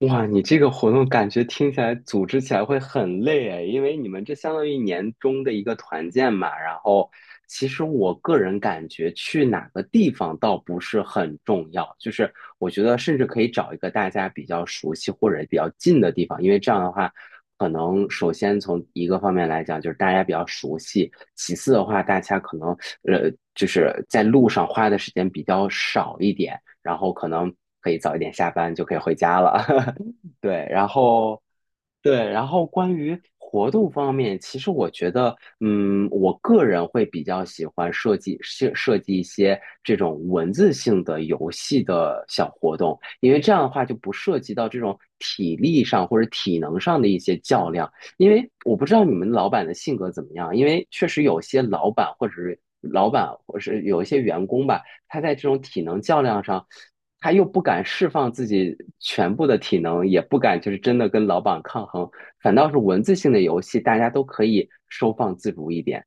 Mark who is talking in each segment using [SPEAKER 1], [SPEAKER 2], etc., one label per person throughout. [SPEAKER 1] 哇，你这个活动感觉听起来组织起来会很累诶，因为你们这相当于年终的一个团建嘛。然后，其实我个人感觉去哪个地方倒不是很重要，就是我觉得甚至可以找一个大家比较熟悉或者比较近的地方，因为这样的话，可能首先从一个方面来讲，就是大家比较熟悉；其次的话，大家可能呃就是在路上花的时间比较少一点，然后可能可以早一点下班就可以回家了。对，然后对，然后关于活动方面，其实我觉得，嗯，我个人会比较喜欢设计一些这种文字性的游戏的小活动，因为这样的话就不涉及到这种体力上或者体能上的一些较量。因为我不知道你们老板的性格怎么样，因为确实有些老板或者是老板或是有一些员工吧，他在这种体能较量上，他又不敢释放自己全部的体能，也不敢就是真的跟老板抗衡，反倒是文字性的游戏，大家都可以收放自如一点。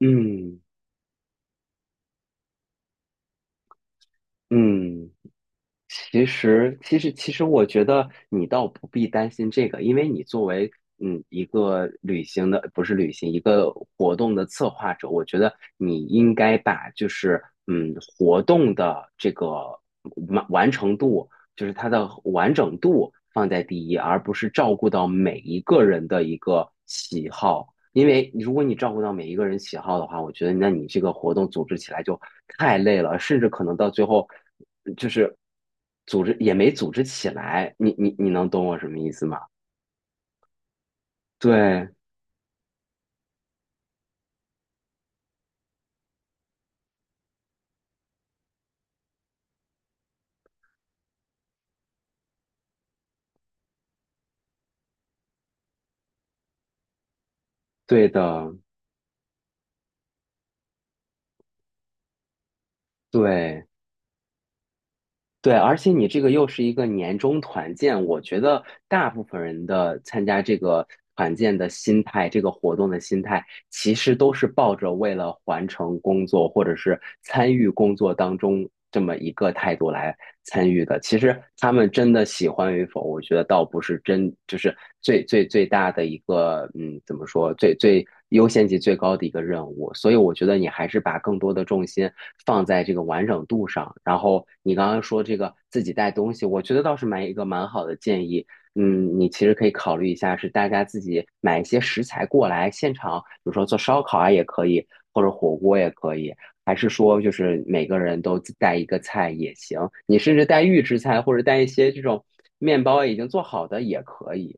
[SPEAKER 1] 嗯嗯。其实，我觉得你倒不必担心这个，因为你作为一个旅行的，不是旅行，一个活动的策划者，我觉得你应该把就是活动的这个完成度，就是它的完整度放在第一，而不是照顾到每一个人的一个喜好，因为如果你照顾到每一个人喜好的话，我觉得那你这个活动组织起来就太累了，甚至可能到最后就是组织也没组织起来。你能懂我什么意思吗？对，对的，对对，而且你这个又是一个年终团建，我觉得大部分人的参加这个团建的心态，这个活动的心态其实都是抱着为了完成工作或者是参与工作当中这么一个态度来参与的。其实他们真的喜欢与否，我觉得倒不是真，就是最大的一个，嗯，怎么说，优先级最高的一个任务。所以我觉得你还是把更多的重心放在这个完整度上。然后你刚刚说这个自己带东西，我觉得倒是蛮一个蛮好的建议。嗯，你其实可以考虑一下，是大家自己买一些食材过来，现场，比如说做烧烤啊也可以，或者火锅也可以，还是说就是每个人都自带一个菜也行，你甚至带预制菜或者带一些这种面包啊已经做好的也可以。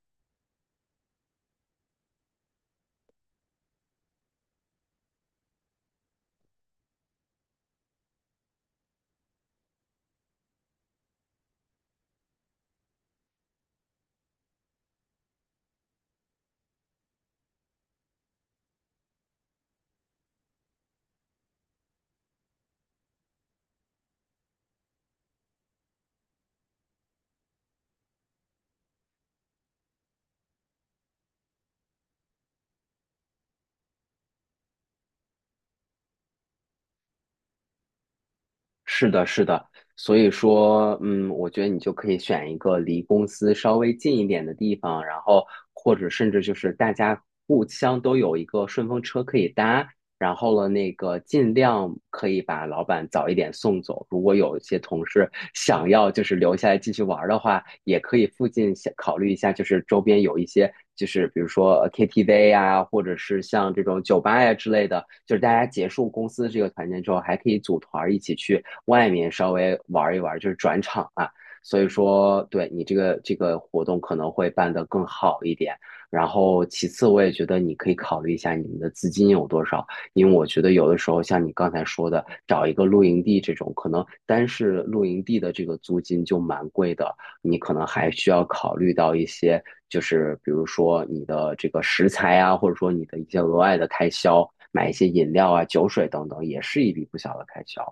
[SPEAKER 1] 是的，是的，所以说，嗯，我觉得你就可以选一个离公司稍微近一点的地方，然后或者甚至就是大家互相都有一个顺风车可以搭，然后了，那个尽量可以把老板早一点送走。如果有一些同事想要就是留下来继续玩儿的话，也可以附近想考虑一下，就是周边有一些就是比如说KTV 呀、或者是像这种酒吧呀之类的，就是大家结束公司这个团建之后，还可以组团儿一起去外面稍微玩儿一玩儿，就是转场啊。所以说，对你这个这个活动可能会办得更好一点。然后，其次我也觉得你可以考虑一下你们的资金有多少。因为我觉得有的时候像你刚才说的，找一个露营地这种，可能单是露营地的这个租金就蛮贵的，你可能还需要考虑到一些，就是比如说你的这个食材啊，或者说你的一些额外的开销，买一些饮料啊、酒水等等，也是一笔不小的开销。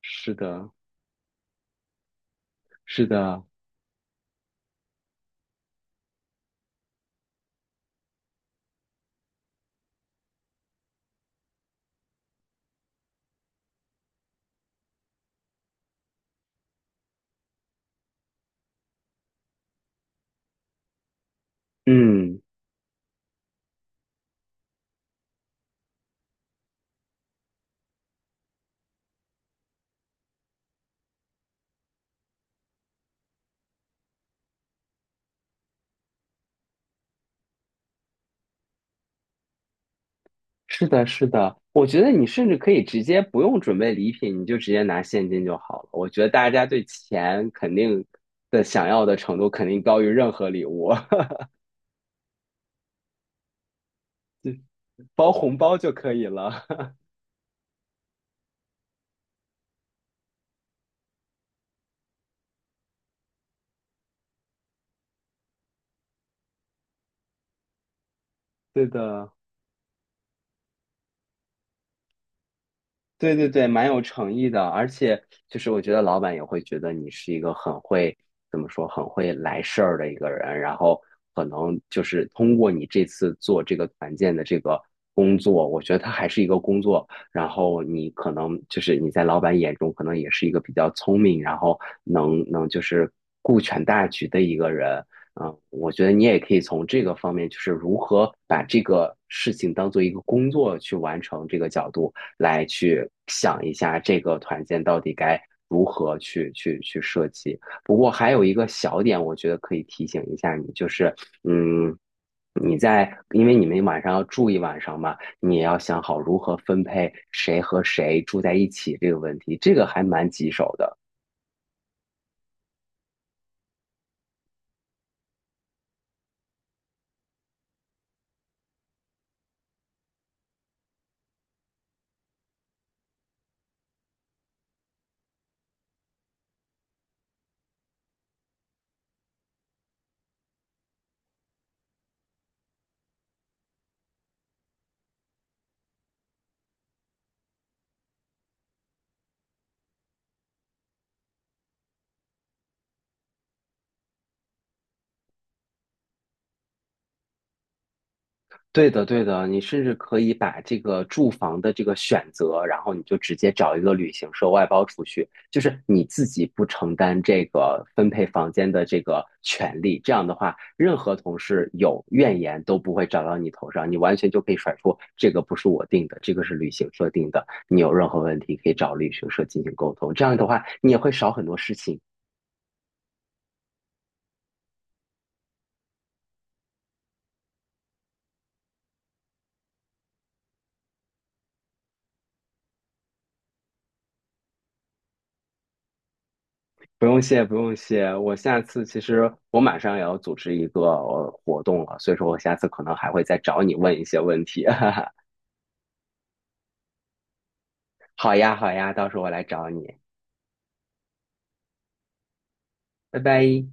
[SPEAKER 1] 是的，是的，嗯。是的，是的，我觉得你甚至可以直接不用准备礼品，你就直接拿现金就好了。我觉得大家对钱肯定的想要的程度肯定高于任何礼物，包红包就可以了。对的。对对对，蛮有诚意的，而且就是我觉得老板也会觉得你是一个很会，怎么说，很会来事儿的一个人，然后可能就是通过你这次做这个团建的这个工作，我觉得它还是一个工作，然后你可能就是你在老板眼中可能也是一个比较聪明，然后能就是顾全大局的一个人。嗯，我觉得你也可以从这个方面，就是如何把这个事情当做一个工作去完成这个角度，来去想一下这个团建到底该如何去设计。不过还有一个小点，我觉得可以提醒一下你，就是嗯。你在，因为你们晚上要住一晚上嘛，你也要想好如何分配谁和谁住在一起这个问题，这个还蛮棘手的。对的，对的，你甚至可以把这个住房的这个选择，然后你就直接找一个旅行社外包出去，就是你自己不承担这个分配房间的这个权利。这样的话，任何同事有怨言都不会找到你头上，你完全就可以甩出这个不是我定的，这个是旅行社定的。你有任何问题可以找旅行社进行沟通，这样的话你也会少很多事情。不用谢，不用谢。我下次其实我马上也要组织一个活动了，所以说我下次可能还会再找你问一些问题。好呀，好呀，到时候我来找你，拜拜。